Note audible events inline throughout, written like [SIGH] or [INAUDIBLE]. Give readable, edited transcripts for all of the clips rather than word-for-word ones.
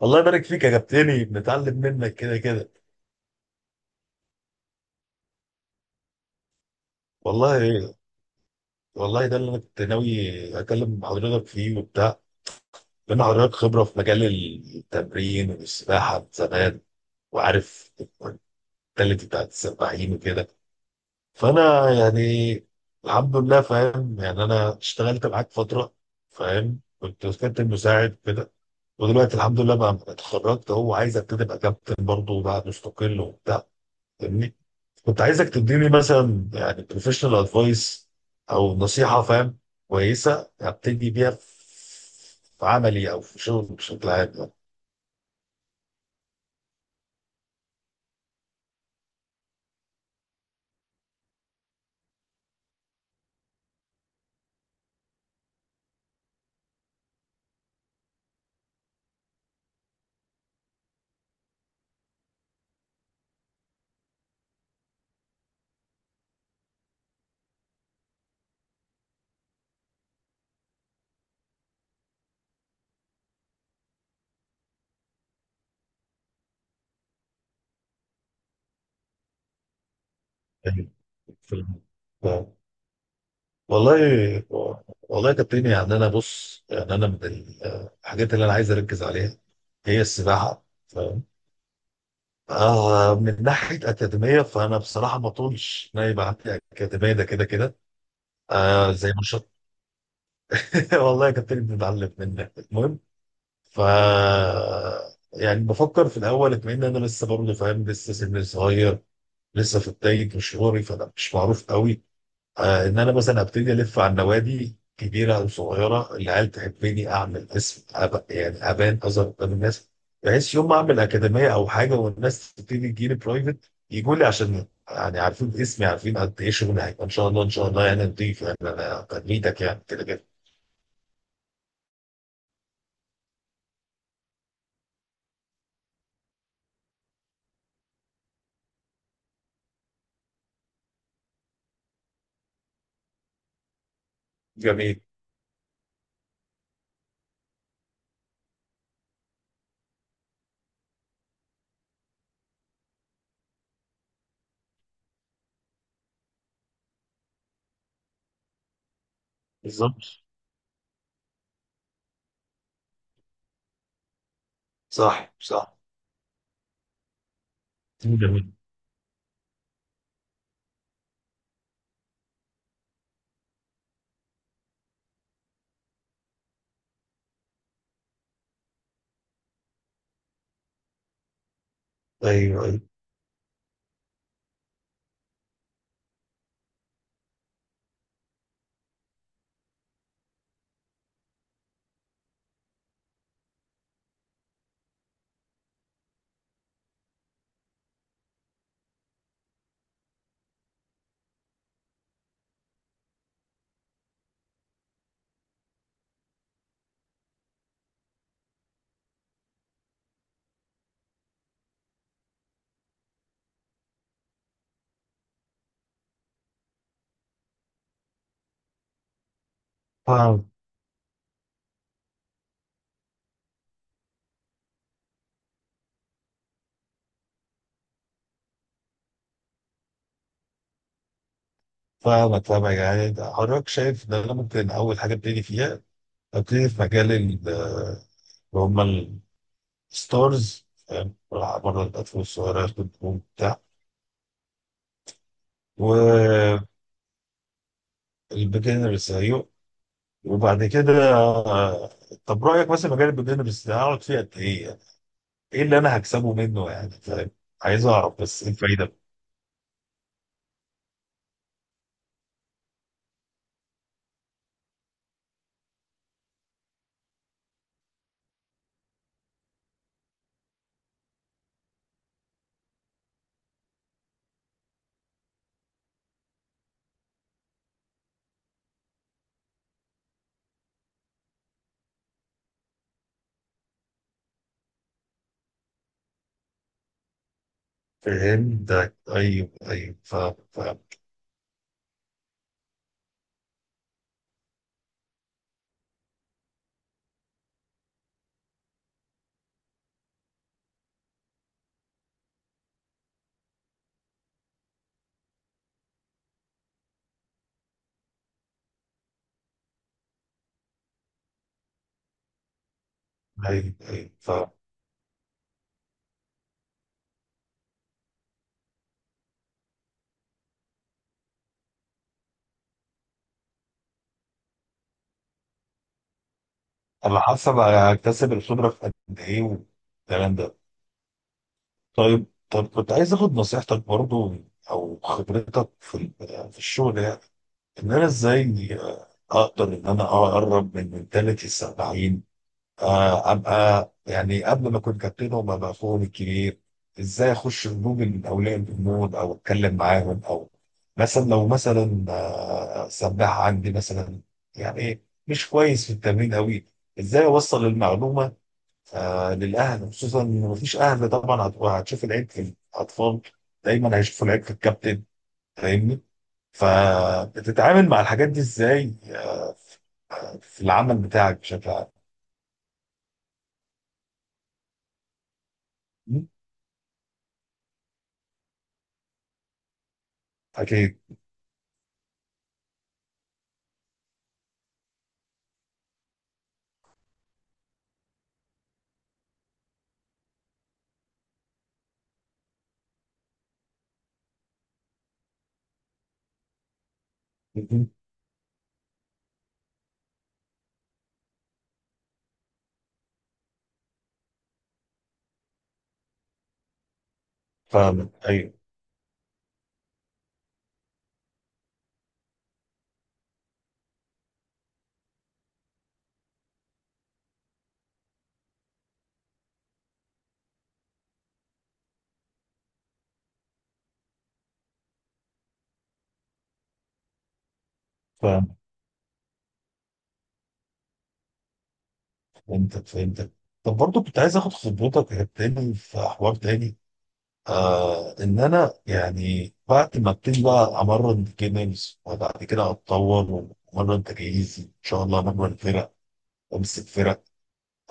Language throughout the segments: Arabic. والله يبارك فيك يا كابتني، بنتعلم منك كده كده. والله والله ده اللي انا كنت ناوي اكلم حضرتك فيه وبتاع، لان حضرتك خبره في مجال التمرين والسباحه من زمان، وعارف الكواليتي بتاعت السباحين وكده. فانا يعني الحمد لله فاهم، يعني انا اشتغلت معاك فتره، فاهم، كنت كابتن مساعد كده، ودلوقتي الحمد لله بقى اتخرجت، هو عايز ابتدي ابقى كابتن برضه وبقى مستقل وبتاع، فاهمني، كنت عايزك تديني مثلا يعني بروفيشنال ادفايس او نصيحه، فاهم، كويسه ابتدي بيها في عملي او في شغل بشكل عام يعني. يعني في الم- آه. والله والله يا كابتن، يعني انا بص، يعني انا من ال- آه، الحاجات اللي انا عايز اركز عليها هي السباحه، فاهم. آه من ناحيه اكاديميه، فانا بصراحه ما طولش ان أنا يبقى عندي اكاديميه، ده كده كده. آه زي ما شاء. [LAUGHS] والله يا كابتن بنتعلم منك، المهم ف يعني بفكر في الاول اكمن انا لسه برضه، فاهم، لسه سن صغير، لسه في بدايه مشواري، فانا مش معروف قوي. آه، ان انا مثلا ابتدي الف على النوادي كبيره او صغيره، العيال تحبني، اعمل اسم يعني ابان اظهر قدام الناس، بحيث يوم ما اعمل اكاديميه او حاجه والناس تبتدي تجيلي برايفت يجوا لي، عشان يعني عارفين اسمي، عارفين قد ايه شغل هيبقى ان شاء الله، ان شاء الله يعني نضيف، يعني انا تنميتك يعني كده كده. جميل. بالظبط. صح. جميل. ايوه، أيوة. فاهم. فاهمك، يعني ده حضرتك شايف ان انا ممكن اول حاجه ابتدي فيها، ابتدي في مجال ال- اللي هم الستارز، فاهم، بلعب بره الاطفال الصغيره ياخد نجوم بتاع. والبيجنرز، ايوه. وبعد كده آه، طب رايك مثلا مجال البيجنرز ده هقعد فيه قد ايه يعني؟ ايه اللي انا هكسبه منه، يعني فاهم، عايز اعرف بس ايه الفايده. فهمتك، ايوه ايوه، فاهم. ايوه ايوه فاهم. انا حاسه بقى هكتسب الخبره في قد ايه والكلام ده. طيب، طب كنت عايز اخد نصيحتك برضو، او خبرتك في الشغل، يعني ان انا ازاي آه، اقدر ان انا اقرب من منتاليتي السبعين، آه، ابقى يعني قبل ما اكون كابتن وما بقى فوق الكبير. ازاي اخش جروب من اولياء الامور او اتكلم معاهم، او مثلا لو آه، سباح عندي مثلا يعني إيه، مش كويس في التمرين قوي، ازاي اوصل المعلومه آه للاهل، خصوصا ان مفيش اهل طبعا هتشوف العيب في الاطفال، دايما هيشوفوا العيب في الكابتن، فاهمني. فبتتعامل مع الحاجات دي ازاي في العمل بتاعك بشكل عام؟ م؟ اكيد. م- م. فاهمك، ايوه. فاهمك. فهمتك. طب برضه كنت عايز اخد خبرتك يا تاني في حوار تاني، آه ان انا يعني بعد ما ابتدي بقى امرن جيمز وبعد كده اتطور وامرن تجهيزي، ان شاء الله امرن فرق وامسك فرق،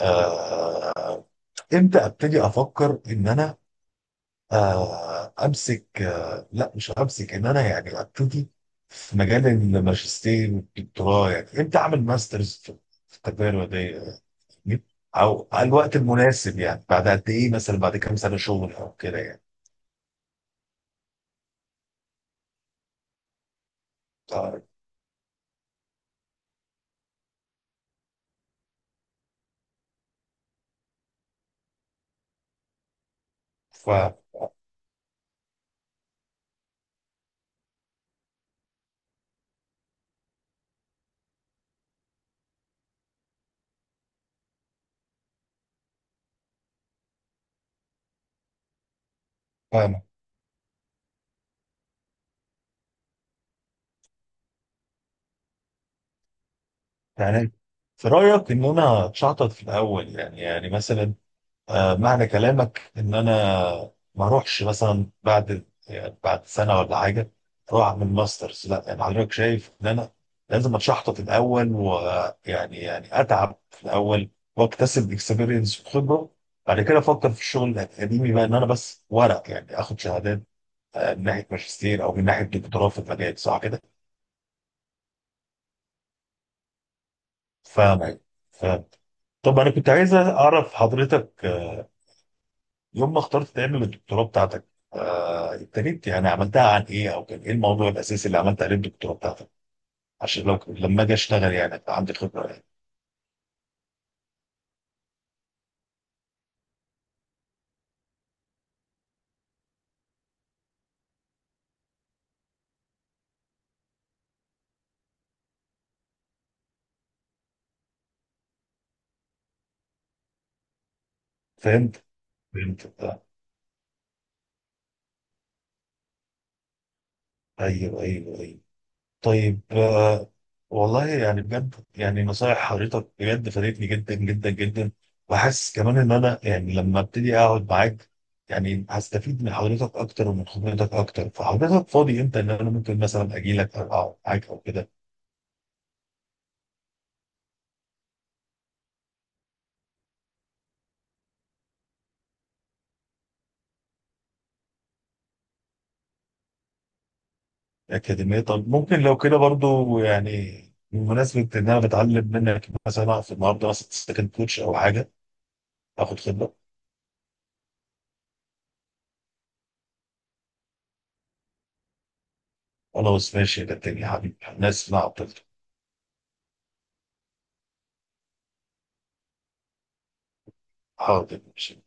آه، امتى ابتدي افكر ان انا آه، امسك آه، لا مش همسك ان انا يعني ابتدي في مجال الماجستير والدكتوراه، يعني امتى اعمل ماسترز في في التجاره دي، او على الوقت المناسب يعني بعد قد ايه، مثلا بعد كام سنه شغل او كده يعني. طيب، ف فاهم. يعني في رايك ان انا اتشحطط في الاول، يعني يعني مثلا آه، معنى كلامك ان انا ما اروحش مثلا بعد يعني بعد سنه ولا حاجه اروح اعمل ماسترز، لا يعني حضرتك شايف ان انا لازم اتشحطط الاول، ويعني اتعب في الاول واكتسب اكسبيرينس وخبره، بعد كده افكر في الشغل الاكاديمي بقى، ان انا بس ورق يعني اخد شهادات آه، من ناحيه ماجستير او من ناحيه دكتوراه في المجال، صح كده؟ فاهم فاهم. طب انا كنت عايز اعرف حضرتك آه، يوم ما اخترت تعمل الدكتوراه بتاعتك آه، ابتديت يعني عملتها عن ايه، او كان ايه الموضوع الاساسي اللي عملت عليه الدكتوراه بتاعتك، عشان لو لما اجي اشتغل يعني ابقى عندي خبره يعني. فهمت فهمت آه، ايوه ايوه ايوه. طيب آه، والله يعني بجد يعني نصايح حضرتك بجد فادتني جدا جدا جدا، وحاسس كمان ان انا يعني لما ابتدي اقعد معاك يعني هستفيد من حضرتك اكتر ومن خبرتك اكتر. فحضرتك فاضي امتى ان انا ممكن مثلا اجي لك او اقعد معاك او كده؟ أكاديمية؟ طب ممكن لو كده برضو يعني بمناسبة إن أنا بتعلم منك مثلا في النهاردة مثلا سكند كوتش أو حاجة، آخد خبرة. خلاص ماشي، ده الدنيا يا حبيبي، أنا آسف إن أنا عطلت. حاضر ماشي.